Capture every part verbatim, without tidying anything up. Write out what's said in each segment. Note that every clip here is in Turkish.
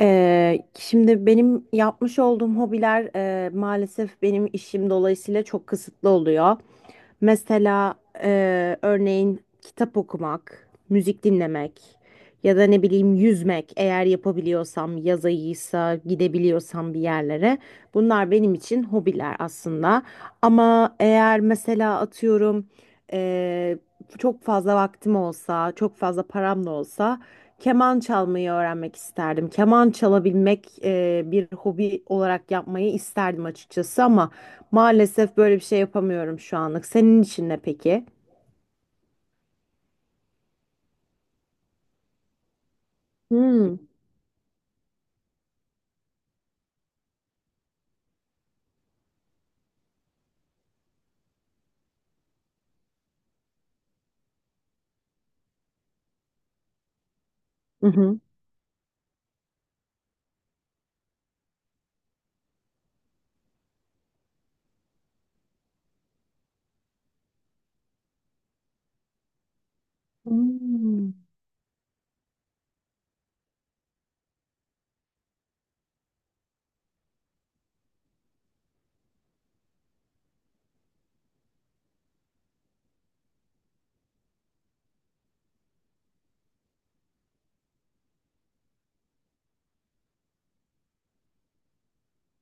Ee, şimdi benim yapmış olduğum hobiler e, maalesef benim işim dolayısıyla çok kısıtlı oluyor. Mesela e, örneğin kitap okumak, müzik dinlemek ya da ne bileyim yüzmek eğer yapabiliyorsam, yaz ayıysa gidebiliyorsam bir yerlere. Bunlar benim için hobiler aslında. Ama eğer mesela atıyorum e, çok fazla vaktim olsa, çok fazla param da olsa keman çalmayı öğrenmek isterdim. Keman çalabilmek e, bir hobi olarak yapmayı isterdim açıkçası ama maalesef böyle bir şey yapamıyorum şu anlık. Senin için ne peki? Hmm. Hı hı. Hmm.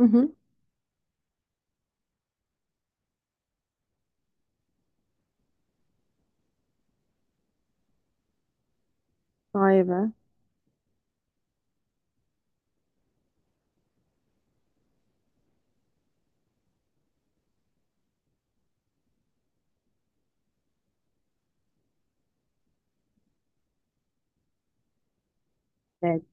Hı hı. Vay be. Evet.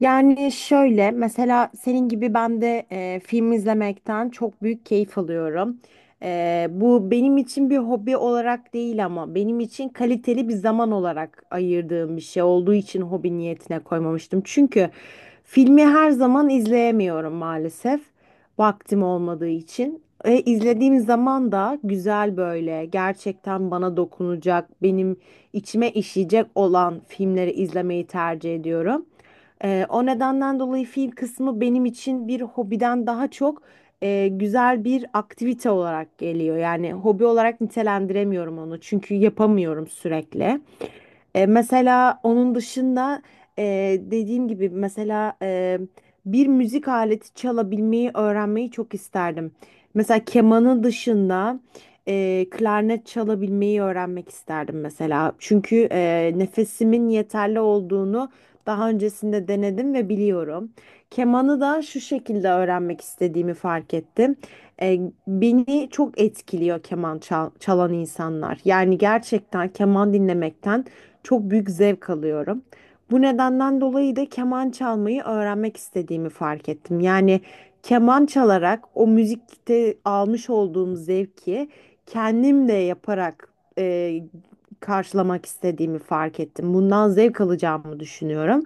Yani şöyle mesela senin gibi ben de e, film izlemekten çok büyük keyif alıyorum. E, bu benim için bir hobi olarak değil ama benim için kaliteli bir zaman olarak ayırdığım bir şey olduğu için hobi niyetine koymamıştım. Çünkü filmi her zaman izleyemiyorum maalesef vaktim olmadığı için. E, izlediğim zaman da güzel böyle gerçekten bana dokunacak, benim içime işleyecek olan filmleri izlemeyi tercih ediyorum. Ee, o nedenden dolayı film kısmı benim için bir hobiden daha çok e, güzel bir aktivite olarak geliyor. Yani hobi olarak nitelendiremiyorum onu çünkü yapamıyorum sürekli. E, mesela onun dışında e, dediğim gibi mesela e, bir müzik aleti çalabilmeyi öğrenmeyi çok isterdim. Mesela kemanın dışında e, klarnet çalabilmeyi öğrenmek isterdim mesela. Çünkü e, nefesimin yeterli olduğunu daha öncesinde denedim ve biliyorum. Kemanı da şu şekilde öğrenmek istediğimi fark ettim. E, Beni çok etkiliyor keman çal- çalan insanlar. Yani gerçekten keman dinlemekten çok büyük zevk alıyorum. Bu nedenden dolayı da keman çalmayı öğrenmek istediğimi fark ettim. Yani keman çalarak o müzikte almış olduğum zevki kendim de yaparak e, karşılamak istediğimi fark ettim. Bundan zevk alacağımı düşünüyorum.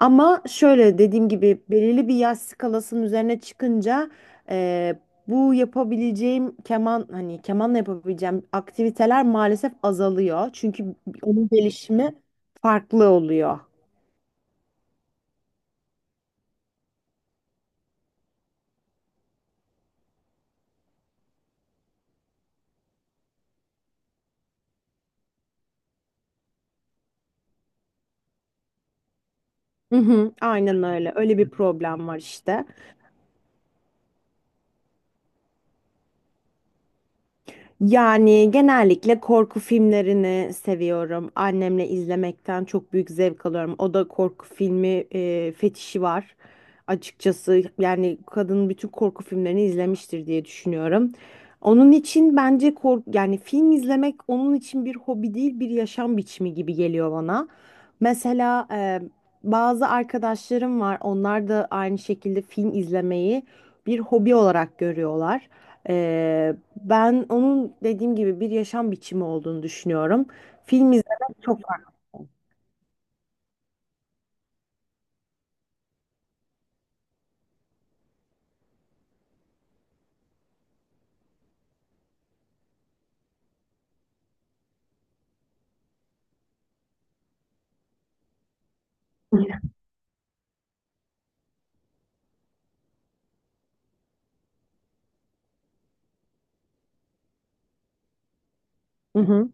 Ama şöyle dediğim gibi belirli bir yaş skalasının üzerine çıkınca eee, bu yapabileceğim keman hani kemanla yapabileceğim aktiviteler maalesef azalıyor. Çünkü onun gelişimi farklı oluyor. Hı hı, aynen öyle. Öyle bir problem var işte. Yani genellikle korku filmlerini seviyorum. Annemle izlemekten çok büyük zevk alıyorum. O da korku filmi e, fetişi var. Açıkçası yani kadın bütün korku filmlerini izlemiştir diye düşünüyorum. Onun için bence kork yani film izlemek onun için bir hobi değil bir yaşam biçimi gibi geliyor bana. Mesela e, bazı arkadaşlarım var. Onlar da aynı şekilde film izlemeyi bir hobi olarak görüyorlar. Ee, ben onun dediğim gibi bir yaşam biçimi olduğunu düşünüyorum. Film izlemek çok farklı. Hı hı.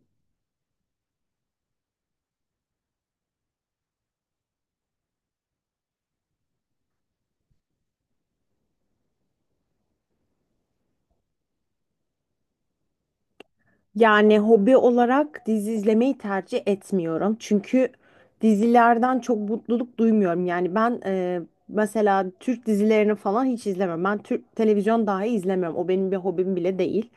Yani hobi olarak dizi izlemeyi tercih etmiyorum. Çünkü dizilerden çok mutluluk duymuyorum. Yani ben e, mesela Türk dizilerini falan hiç izlemem. Ben Türk televizyon dahi izlemiyorum. O benim bir hobim bile değil.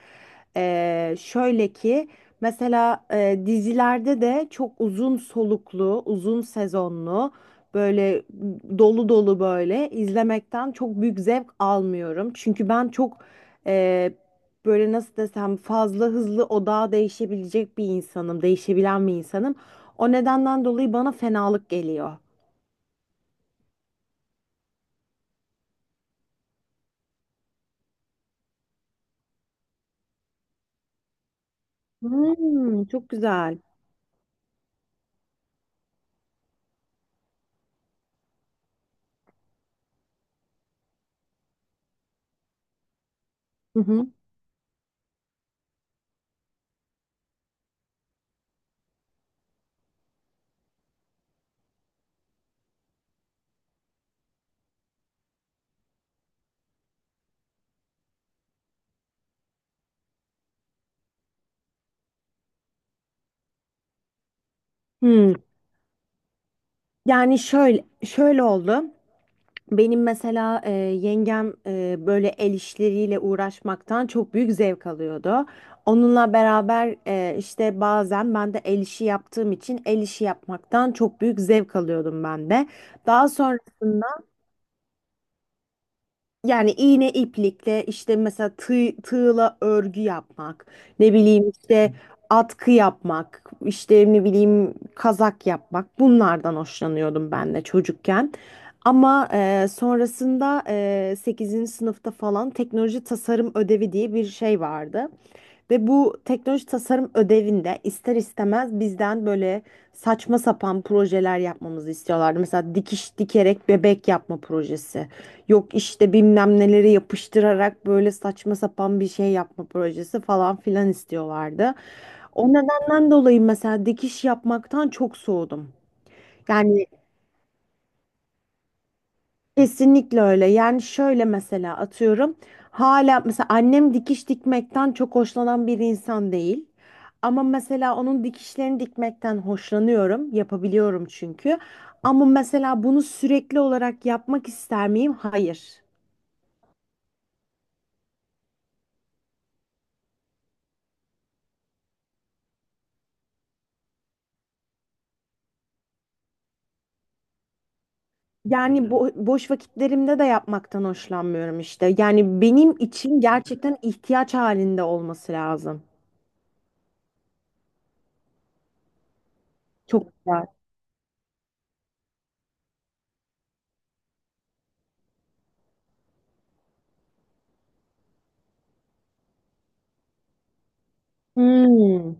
E, şöyle ki mesela e, dizilerde de çok uzun soluklu, uzun sezonlu, böyle dolu dolu böyle izlemekten çok büyük zevk almıyorum. Çünkü ben çok e, böyle nasıl desem fazla hızlı odağa değişebilecek bir insanım, değişebilen bir insanım. O nedenden dolayı bana fenalık geliyor. Hmm, çok güzel. Hı hı. Hmm. Yani şöyle şöyle oldu. Benim mesela e, yengem e, böyle el işleriyle uğraşmaktan çok büyük zevk alıyordu. Onunla beraber e, işte bazen ben de el işi yaptığım için el işi yapmaktan çok büyük zevk alıyordum ben de. Daha sonra yani iğne iplikle işte mesela tığ, tığla örgü yapmak, ne bileyim işte atkı yapmak, işte ne bileyim kazak yapmak bunlardan hoşlanıyordum ben de çocukken. Ama e, sonrasında e, sekizinci sınıfta falan teknoloji tasarım ödevi diye bir şey vardı. Ve bu teknoloji tasarım ödevinde ister istemez bizden böyle saçma sapan projeler yapmamızı istiyorlardı. Mesela dikiş dikerek bebek yapma projesi. Yok işte bilmem neleri yapıştırarak böyle saçma sapan bir şey yapma projesi falan filan istiyorlardı. O nedenden dolayı mesela dikiş yapmaktan çok soğudum. Yani kesinlikle öyle. Yani şöyle mesela atıyorum. Hala mesela annem dikiş dikmekten çok hoşlanan bir insan değil. Ama mesela onun dikişlerini dikmekten hoşlanıyorum. Yapabiliyorum çünkü. Ama mesela bunu sürekli olarak yapmak ister miyim? Hayır. Yani bo- boş vakitlerimde de yapmaktan hoşlanmıyorum işte. Yani benim için gerçekten ihtiyaç halinde olması lazım. Çok güzel. Hmm.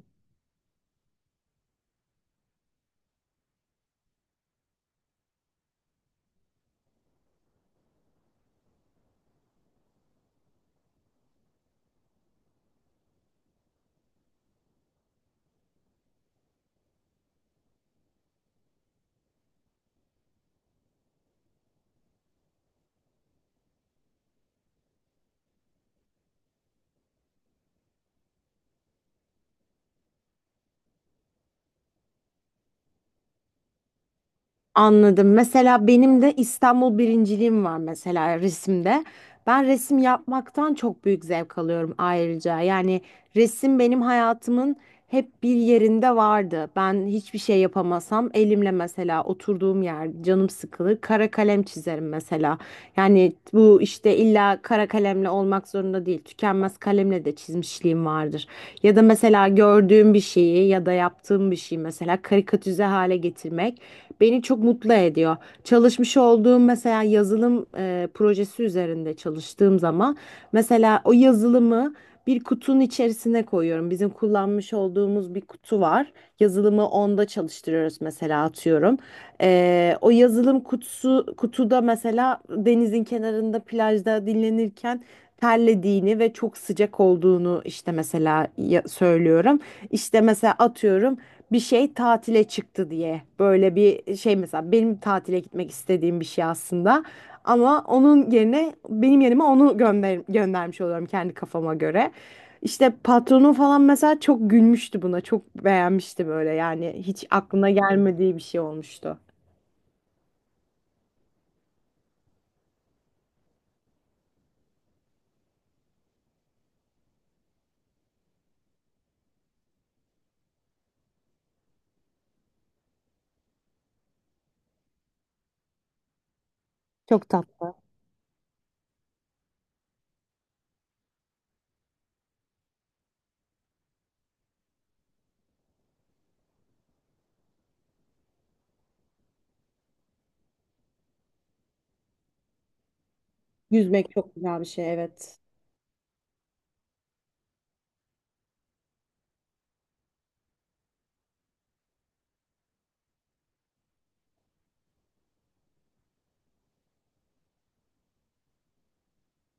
Anladım. Mesela benim de İstanbul birinciliğim var mesela resimde. Ben resim yapmaktan çok büyük zevk alıyorum ayrıca. Yani resim benim hayatımın hep bir yerinde vardı. Ben hiçbir şey yapamasam elimle mesela oturduğum yer canım sıkılır kara kalem çizerim mesela. Yani bu işte illa kara kalemle olmak zorunda değil. Tükenmez kalemle de çizmişliğim vardır. Ya da mesela gördüğüm bir şeyi ya da yaptığım bir şeyi mesela karikatüze hale getirmek beni çok mutlu ediyor. Çalışmış olduğum mesela yazılım e, projesi üzerinde çalıştığım zaman mesela o yazılımı bir kutunun içerisine koyuyorum. Bizim kullanmış olduğumuz bir kutu var. Yazılımı onda çalıştırıyoruz mesela atıyorum. E, o yazılım kutusu kutuda mesela denizin kenarında plajda dinlenirken terlediğini ve çok sıcak olduğunu işte mesela ya- söylüyorum. İşte mesela atıyorum bir şey tatile çıktı diye böyle bir şey mesela benim tatile gitmek istediğim bir şey aslında ama onun yerine benim yerime onu gönder göndermiş oluyorum kendi kafama göre. İşte patronum falan mesela çok gülmüştü buna çok beğenmişti böyle yani hiç aklına gelmediği bir şey olmuştu. Çok tatlı. Yüzmek çok güzel bir şey evet.